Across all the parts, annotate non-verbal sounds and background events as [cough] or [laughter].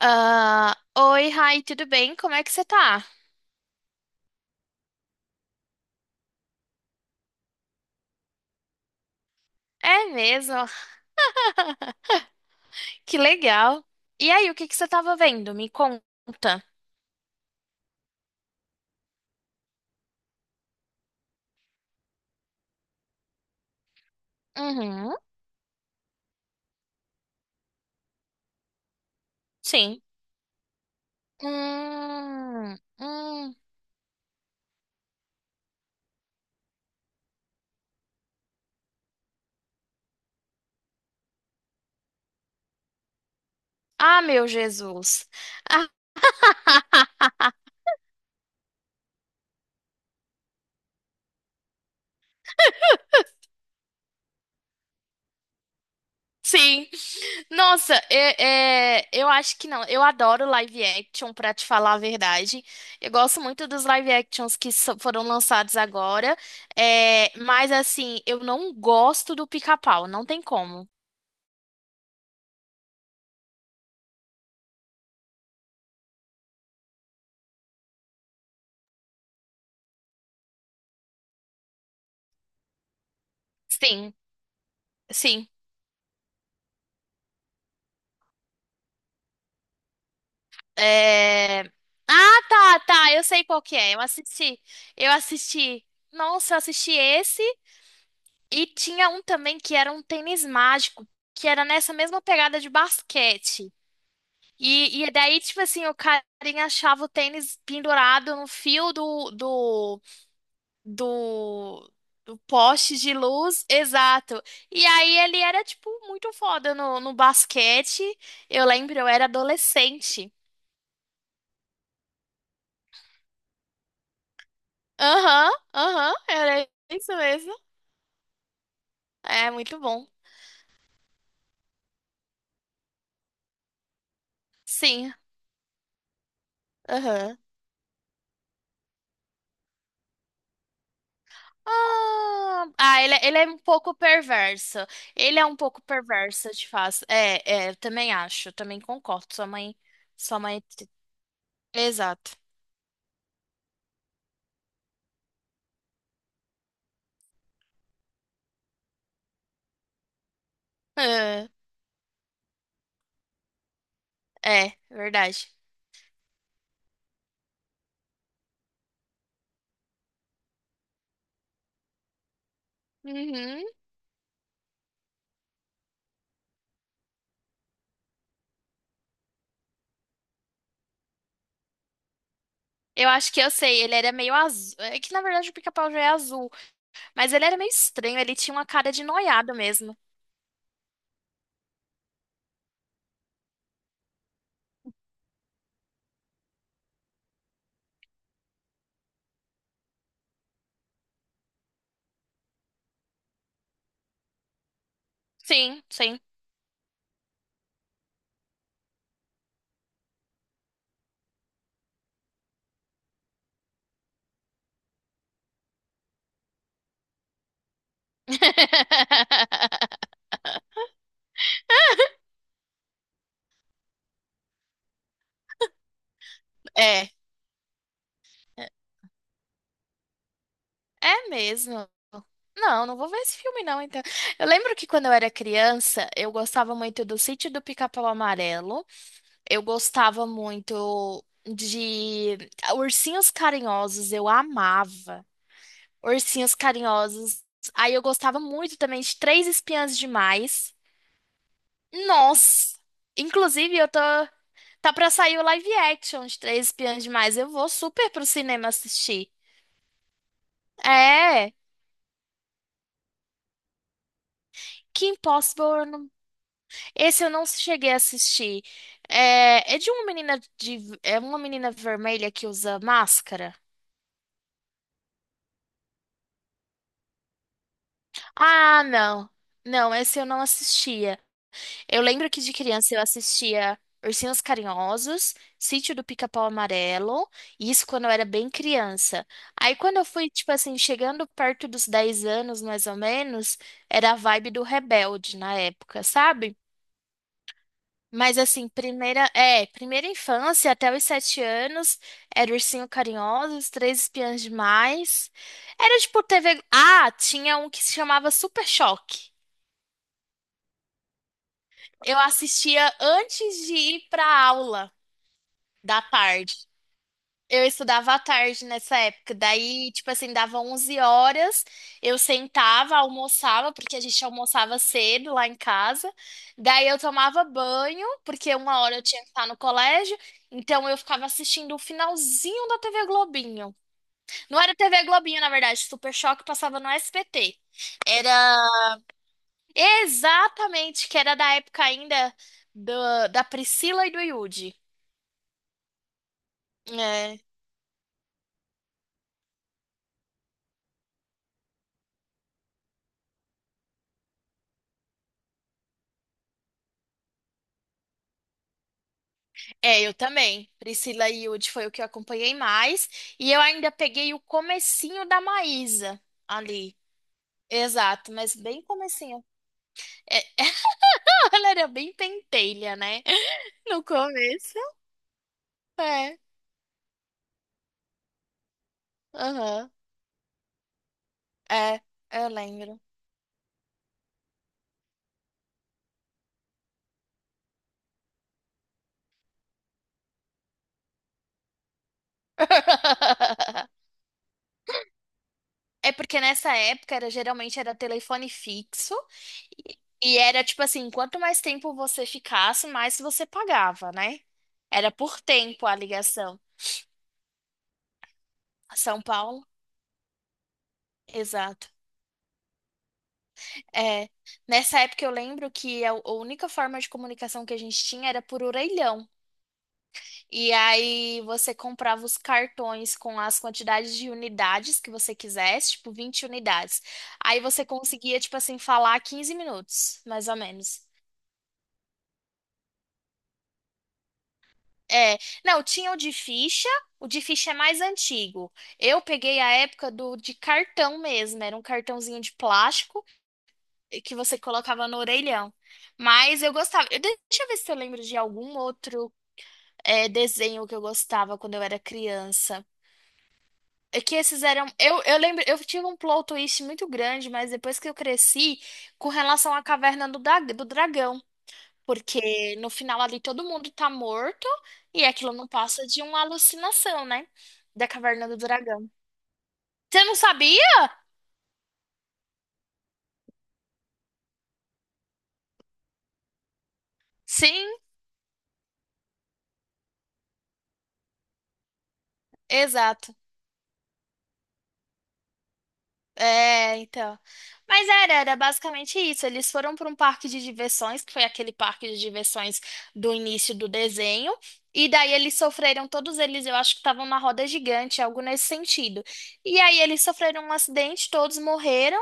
Ah, oi, Rai, tudo bem? Como é que você tá? É mesmo? Que legal. E aí, o que que você tava vendo? Me conta. Uhum, sim. Hum, hum. Ah, meu Jesus. [laughs] Sim. Nossa, é, eu acho que não. Eu adoro live action, pra te falar a verdade. Eu gosto muito dos live actions que foram lançados agora. É, mas, assim, eu não gosto do Pica-Pau. Não tem como. Sim, sim. É, ah, tá, tá. Eu sei qual que é. Eu assisti. Eu assisti. Nossa, eu assisti esse. E tinha um também que era um tênis mágico, que era nessa mesma pegada de basquete. E daí, tipo assim, o carinha achava o tênis pendurado no fio do, do poste de luz, exato. E aí ele era, tipo, muito foda no, no basquete. Eu lembro, eu era adolescente. Aham, aham, era isso mesmo. É, muito bom. Sim, aham. Ele é um pouco perverso. Ele é um pouco perverso, de fato. É, é, eu também acho, eu também concordo. Sua mãe, sua mãe. Exato. Ah, é, verdade. Uhum. Eu acho que eu sei, ele era meio azul. É que na verdade o pica-pau já é azul, mas ele era meio estranho, ele tinha uma cara de noiado mesmo. Sim, sim. [laughs] É. É mesmo. Não, não vou ver esse filme não, então. Eu lembro que quando eu era criança, eu gostava muito do Sítio do Pica-Pau Amarelo. Eu gostava muito de Ursinhos Carinhosos, eu amava Ursinhos Carinhosos. Aí eu gostava muito também de Três Espiãs Demais. Nossa! Inclusive, eu tô tá pra sair o live action de Três Espiãs Demais. Eu vou super pro cinema assistir. É, que Impossible esse eu não cheguei a assistir. É, é de uma menina de, é uma menina vermelha que usa máscara? Ah, não. Não, esse eu não assistia. Eu lembro que de criança eu assistia Ursinhos Carinhosos, Sítio do Pica-Pau Amarelo, e isso quando eu era bem criança. Aí quando eu fui, tipo assim, chegando perto dos 10 anos, mais ou menos, era a vibe do Rebelde na época, sabe? Mas assim, primeira infância até os 7 anos, era Ursinho Carinhoso, Os Três Espiãs Demais. Era tipo TV. Ah, tinha um que se chamava Super Choque. Eu assistia antes de ir pra aula da tarde. Eu estudava à tarde nessa época, daí, tipo assim, dava 11 horas, eu sentava, almoçava, porque a gente almoçava cedo lá em casa, daí eu tomava banho, porque 1 hora eu tinha que estar no colégio, então eu ficava assistindo o finalzinho da TV Globinho. Não era TV Globinho, na verdade, Super Choque passava no SBT. Era exatamente, que era da época ainda da Priscila e do Yudi. É. É, eu também. Priscila e Yudi foi o que eu acompanhei mais. E eu ainda peguei o comecinho da Maísa ali. Exato, mas bem comecinho. É, [laughs] ela era bem pentelha, né? No começo. É, aham. É, eu lembro. [laughs] É porque nessa época era geralmente era telefone fixo e e era tipo assim, quanto mais tempo você ficasse, mais você pagava, né? Era por tempo a ligação. São Paulo? Exato. É, nessa época eu lembro que a única forma de comunicação que a gente tinha era por orelhão. E aí você comprava os cartões com as quantidades de unidades que você quisesse, tipo 20 unidades. Aí você conseguia, tipo assim, falar 15 minutos, mais ou menos. É, não, tinha o de ficha é mais antigo. Eu peguei a época do de cartão mesmo, era um cartãozinho de plástico, que você colocava no orelhão. Mas eu gostava. Deixa eu ver se eu lembro de algum outro desenho que eu gostava quando eu era criança. É que esses eram. Eu lembro, eu tive um plot twist muito grande, mas depois que eu cresci, com relação à caverna do dragão. Porque no final ali todo mundo tá morto e aquilo não passa de uma alucinação, né? Da caverna do dragão. Você não sabia? Sim, exato. É, então. Mas era, era basicamente isso. Eles foram para um parque de diversões, que foi aquele parque de diversões do início do desenho. E daí eles sofreram, todos eles, eu acho que estavam na roda gigante, algo nesse sentido. E aí eles sofreram um acidente, todos morreram.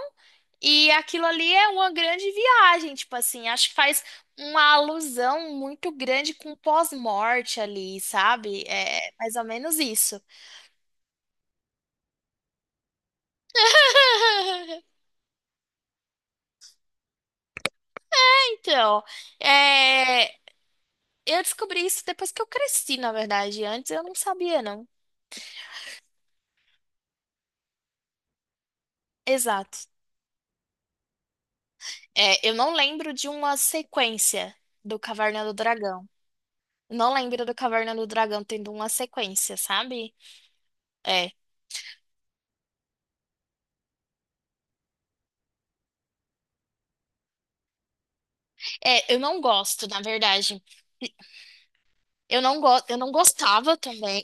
E aquilo ali é uma grande viagem, tipo assim. Acho que faz uma alusão muito grande com o pós-morte ali, sabe? É mais ou menos isso. [laughs] Então, é, eu descobri isso depois que eu cresci, na verdade. Antes eu não sabia, não. Exato. É, eu não lembro de uma sequência do Caverna do Dragão. Não lembro do Caverna do Dragão tendo uma sequência, sabe? É. É, eu não gosto, na verdade. Eu não gostava também.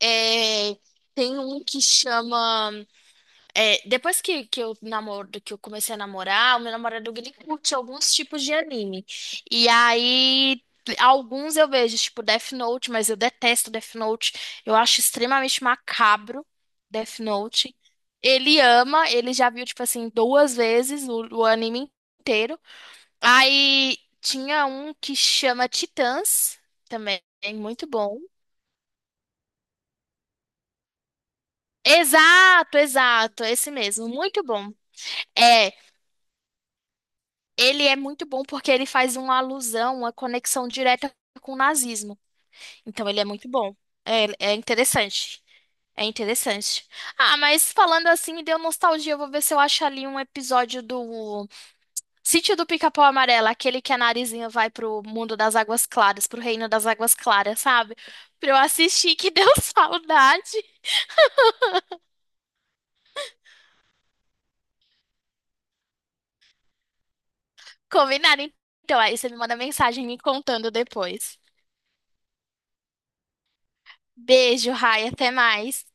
É, tem um que chama é, depois que eu namoro, que eu comecei a namorar, o meu namorado ele curte alguns tipos de anime. E aí, alguns eu vejo, tipo Death Note, mas eu detesto Death Note. Eu acho extremamente macabro Death Note. Ele ama, ele já viu, tipo assim, duas vezes o anime inteiro. Aí tinha um que chama Titãs, também, muito bom. Exato, exato, esse mesmo, muito bom. É, ele é muito bom porque ele faz uma alusão, uma conexão direta com o nazismo. Então ele é muito bom. É, é interessante. É interessante. Ah, mas falando assim, me deu nostalgia. Eu vou ver se eu acho ali um episódio do Sítio do Pica-Pau Amarelo, aquele que a Narizinha vai pro mundo das águas claras, pro reino das águas claras, sabe? Pra eu assistir, que deu [laughs] saudade. Combinado, então. Aí você me manda mensagem me contando depois. Beijo, Rai, até mais.